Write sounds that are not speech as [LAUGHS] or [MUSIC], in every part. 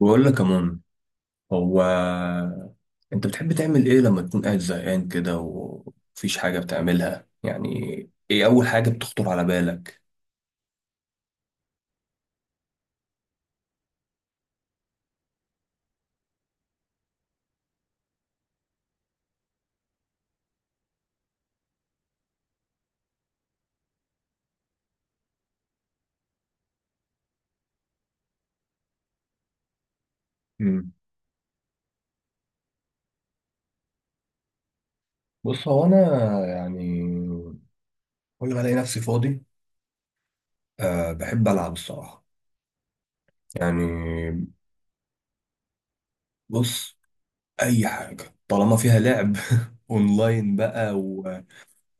بقول لك يا مون، هو انت بتحب تعمل ايه لما تكون قاعد زهقان كده ومفيش حاجه بتعملها؟ يعني ايه اول حاجه بتخطر على بالك؟ مم. بص، هو انا يعني كل ما الاقي نفسي فاضي، بحب العب الصراحه. يعني بص، اي حاجه طالما فيها لعب [LAUGHS] اونلاين بقى. و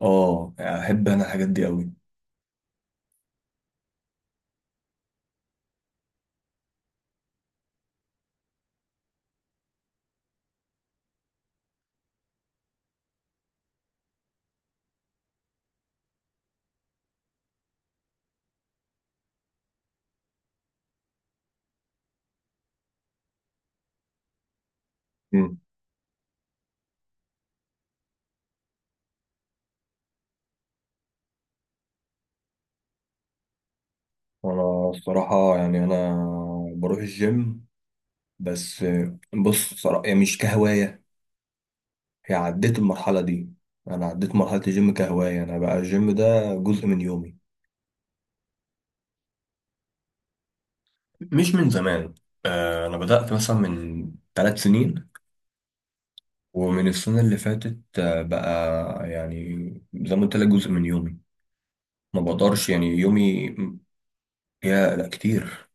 اه احب انا الحاجات دي قوي. مم. انا الصراحه يعني انا بروح الجيم، بس بص صراحة يعني مش كهواية، هي عديت المرحلة دي. أنا عديت مرحلة الجيم كهواية، أنا بقى الجيم ده جزء من يومي. مش من زمان، أنا بدأت مثلا من 3 سنين، ومن السنة اللي فاتت بقى يعني زي ما قلت لك جزء من يومي. ما بقدرش يعني يومي... يا لا كتير.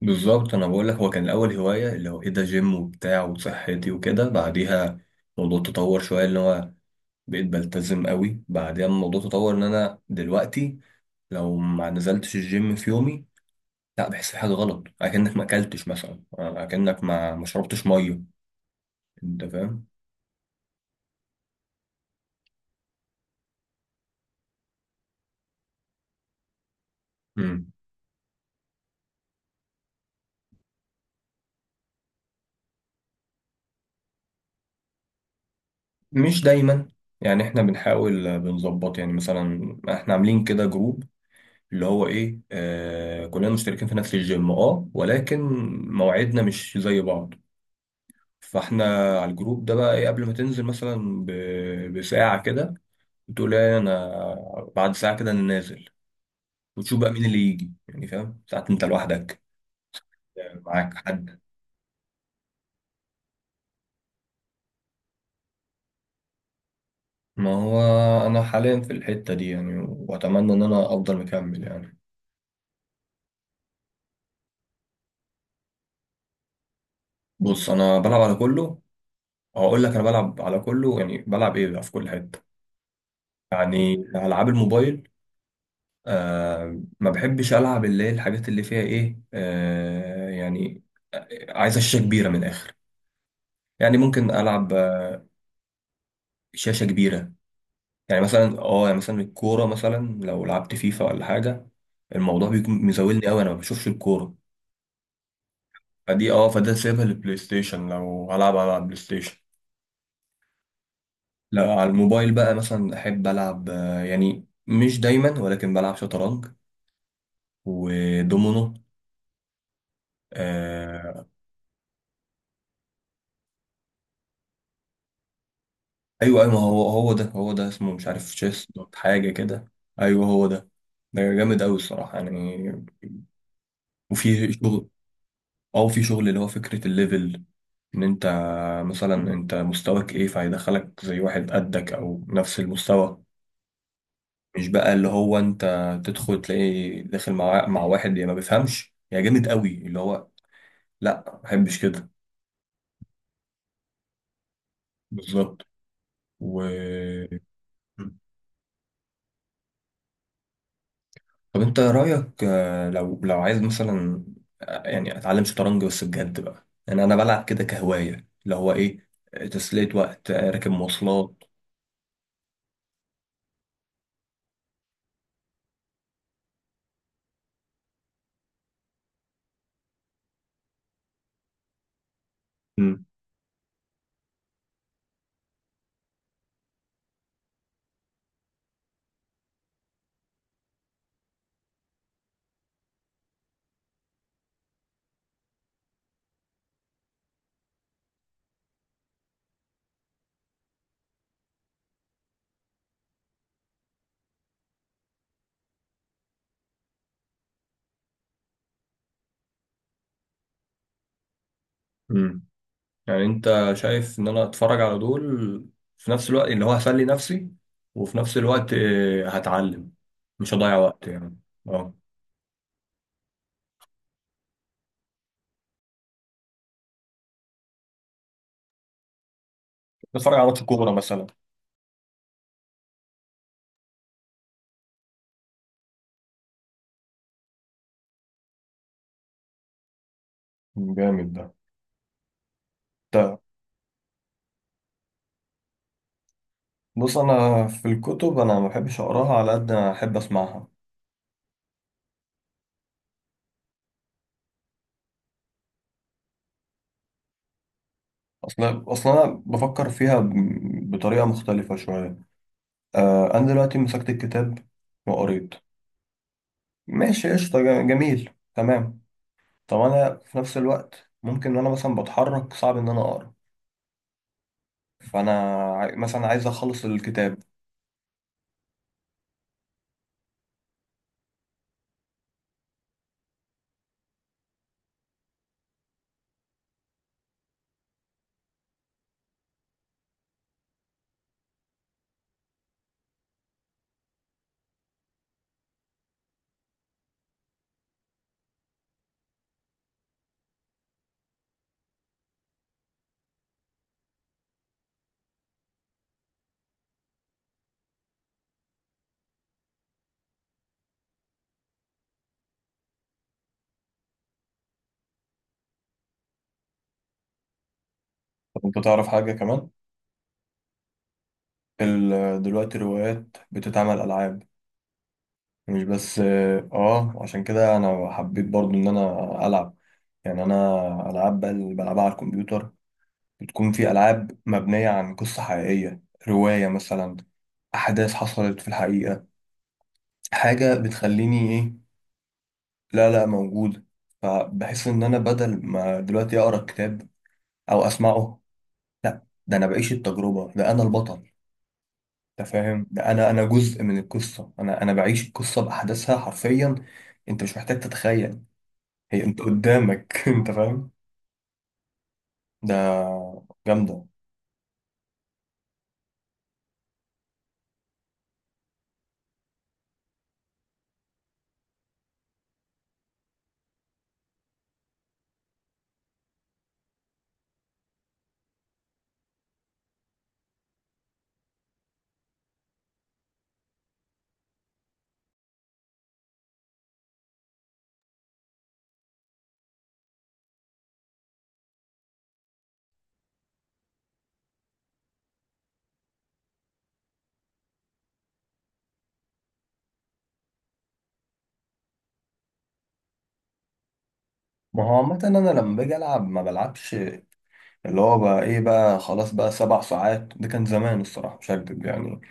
بالظبط أنا بقول لك، هو كان الأول هواية اللي هو إيه، ده جيم وبتاع وصحتي وكده. بعديها الموضوع تطور شوية، اللي هو بقيت بلتزم قوي. بعدين الموضوع تطور ان انا دلوقتي لو ما نزلتش الجيم في يومي، لا بحس في حاجه غلط، اكنك ما اكلتش مثلا، اكنك ما شربتش ميه. انت فاهم؟ مم. مش دايما يعني، احنا بنحاول بنظبط. يعني مثلا احنا عاملين كده جروب اللي هو ايه، كلنا مشتركين في نفس الجيم، اه، ولكن مواعيدنا مش زي بعض. فاحنا على الجروب ده بقى ايه، قبل ما تنزل مثلا بساعة كده، بتقول ايه، انا بعد ساعه كده انا نازل، وتشوف بقى مين اللي يجي. يعني فاهم، ساعات انت لوحدك، يعني معاك حد. ما هو انا حاليا في الحته دي، يعني واتمنى ان انا افضل مكمل يعني. بص انا بلعب على كله. هقول لك، انا بلعب على كله، يعني بلعب ايه بقى في كل حته. يعني العاب الموبايل، ما بحبش العب اللي هي الحاجات اللي فيها ايه، يعني عايزه شاشه كبيره من الاخر. يعني ممكن العب، شاشه كبيره. يعني مثلا اه، يعني مثلا الكورة، مثلا لو لعبت فيفا ولا حاجة، الموضوع بيكون مزاولني قوي، انا ما بشوفش الكورة. فدي اه فده سيبها للبلاي ستيشن، لو هلعب على البلاي ستيشن. لا، على الموبايل بقى مثلا احب العب، يعني مش دايما ولكن بلعب شطرنج ودومينو. آه ايوه ايوه، ما هو هو ده اسمه مش عارف، تشيس دوت حاجة كده. ايوه هو ده، ده جامد قوي الصراحة يعني. وفي شغل، او في شغل اللي هو فكرة الليفل، ان انت مثلا، انت مستواك ايه، فهيدخلك زي واحد قدك او نفس المستوى. مش بقى اللي هو انت تدخل تلاقي داخل مع واحد، يا ما بيفهمش يا جامد قوي اللي هو، لا، ما بحبش كده. بالظبط. و... طب انت رايك، لو عايز مثلا يعني اتعلم شطرنج بس بجد بقى، يعني انا بلعب كده كهوايه اللي هو ايه، تسليه وقت، راكب مواصلات. امم يعني انت شايف ان انا اتفرج على دول، في نفس الوقت اللي هو هسلي نفسي، وفي نفس الوقت هتعلم، مش هضيع وقت يعني. اه اتفرج على ماتش كورة مثلا، جامد ده. طيب بص، انا في الكتب انا ما بحبش اقراها على قد ما احب اسمعها. اصلا انا بفكر فيها بطريقه مختلفه شويه. آه، انا دلوقتي مسكت الكتاب وقريت، ماشي قشطه، جميل، تمام. طب انا في نفس الوقت ممكن، وانا مثلا بتحرك صعب ان انا اقرا، فانا مثلا عايز اخلص الكتاب. طب انت تعرف حاجه كمان، دلوقتي الروايات بتتعمل العاب، مش بس. اه عشان كده انا حبيت برضو ان انا العب. يعني انا، العاب بقى اللي بلعبها على الكمبيوتر، بتكون في العاب مبنيه عن قصه حقيقيه، روايه مثلا، احداث حصلت في الحقيقه، حاجه بتخليني ايه. لا لا، موجود. فبحس ان انا بدل ما دلوقتي اقرا الكتاب او اسمعه، لا، ده انا بعيش التجربه، ده انا البطل. انت فاهم؟ ده انا جزء من القصه، انا بعيش القصه باحداثها حرفيا. انت مش محتاج تتخيل، هي انت قدامك [LAUGHS] انت فاهم؟ ده جامده. ما هو عامة أنا لما باجي ألعب ما بلعبش اللي هو بقى إيه بقى، خلاص بقى 7 ساعات. ده كان زمان الصراحة، مش هكدب يعني.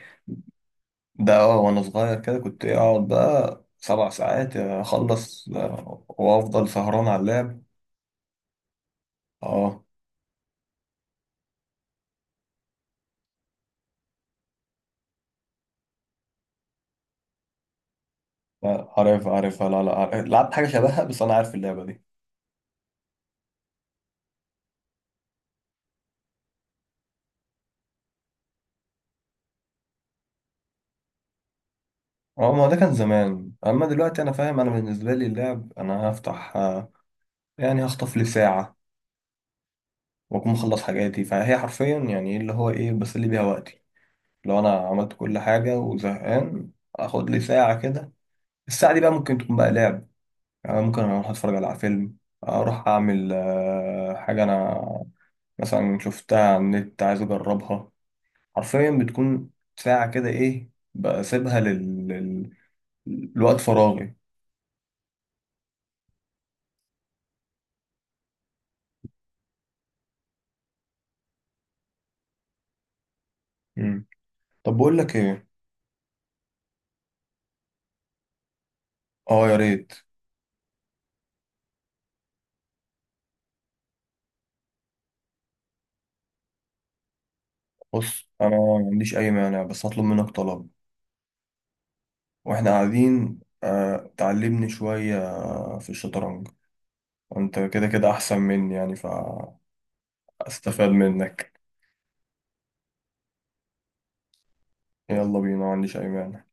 ده أه، وأنا صغير كده كنت إيه، أقعد بقى 7 ساعات أخلص، وأفضل سهران على اللعب. أه عارف، لا لا، عارف. لعبت حاجة شبهها بس أنا عارف اللعبة. اه ما هو ده كان زمان، اما دلوقتي انا فاهم، انا بالنسبه لي اللعب، انا هفتح يعني هخطف لي ساعه واكون مخلص حاجاتي، فهي حرفيا يعني اللي هو ايه، بسلي بيها وقتي. لو انا عملت كل حاجه وزهقان، اخد لي ساعه كده. الساعه دي بقى ممكن تكون بقى لعب، يعني ممكن اروح اتفرج على فيلم، اروح اعمل حاجه انا مثلا شفتها على النت عايز اجربها. حرفيا بتكون ساعه كده ايه، بسيبها لوقت فراغي. مم. طب بقول لك ايه. اه يا ريت. بص انا ما عنديش اي مانع، بس هطلب منك طلب. واحنا قاعدين، آه، تعلمني شوية في الشطرنج. انت كده كده احسن مني يعني، فاستفاد منك. يلا بينا، ما عنديش اي مانع.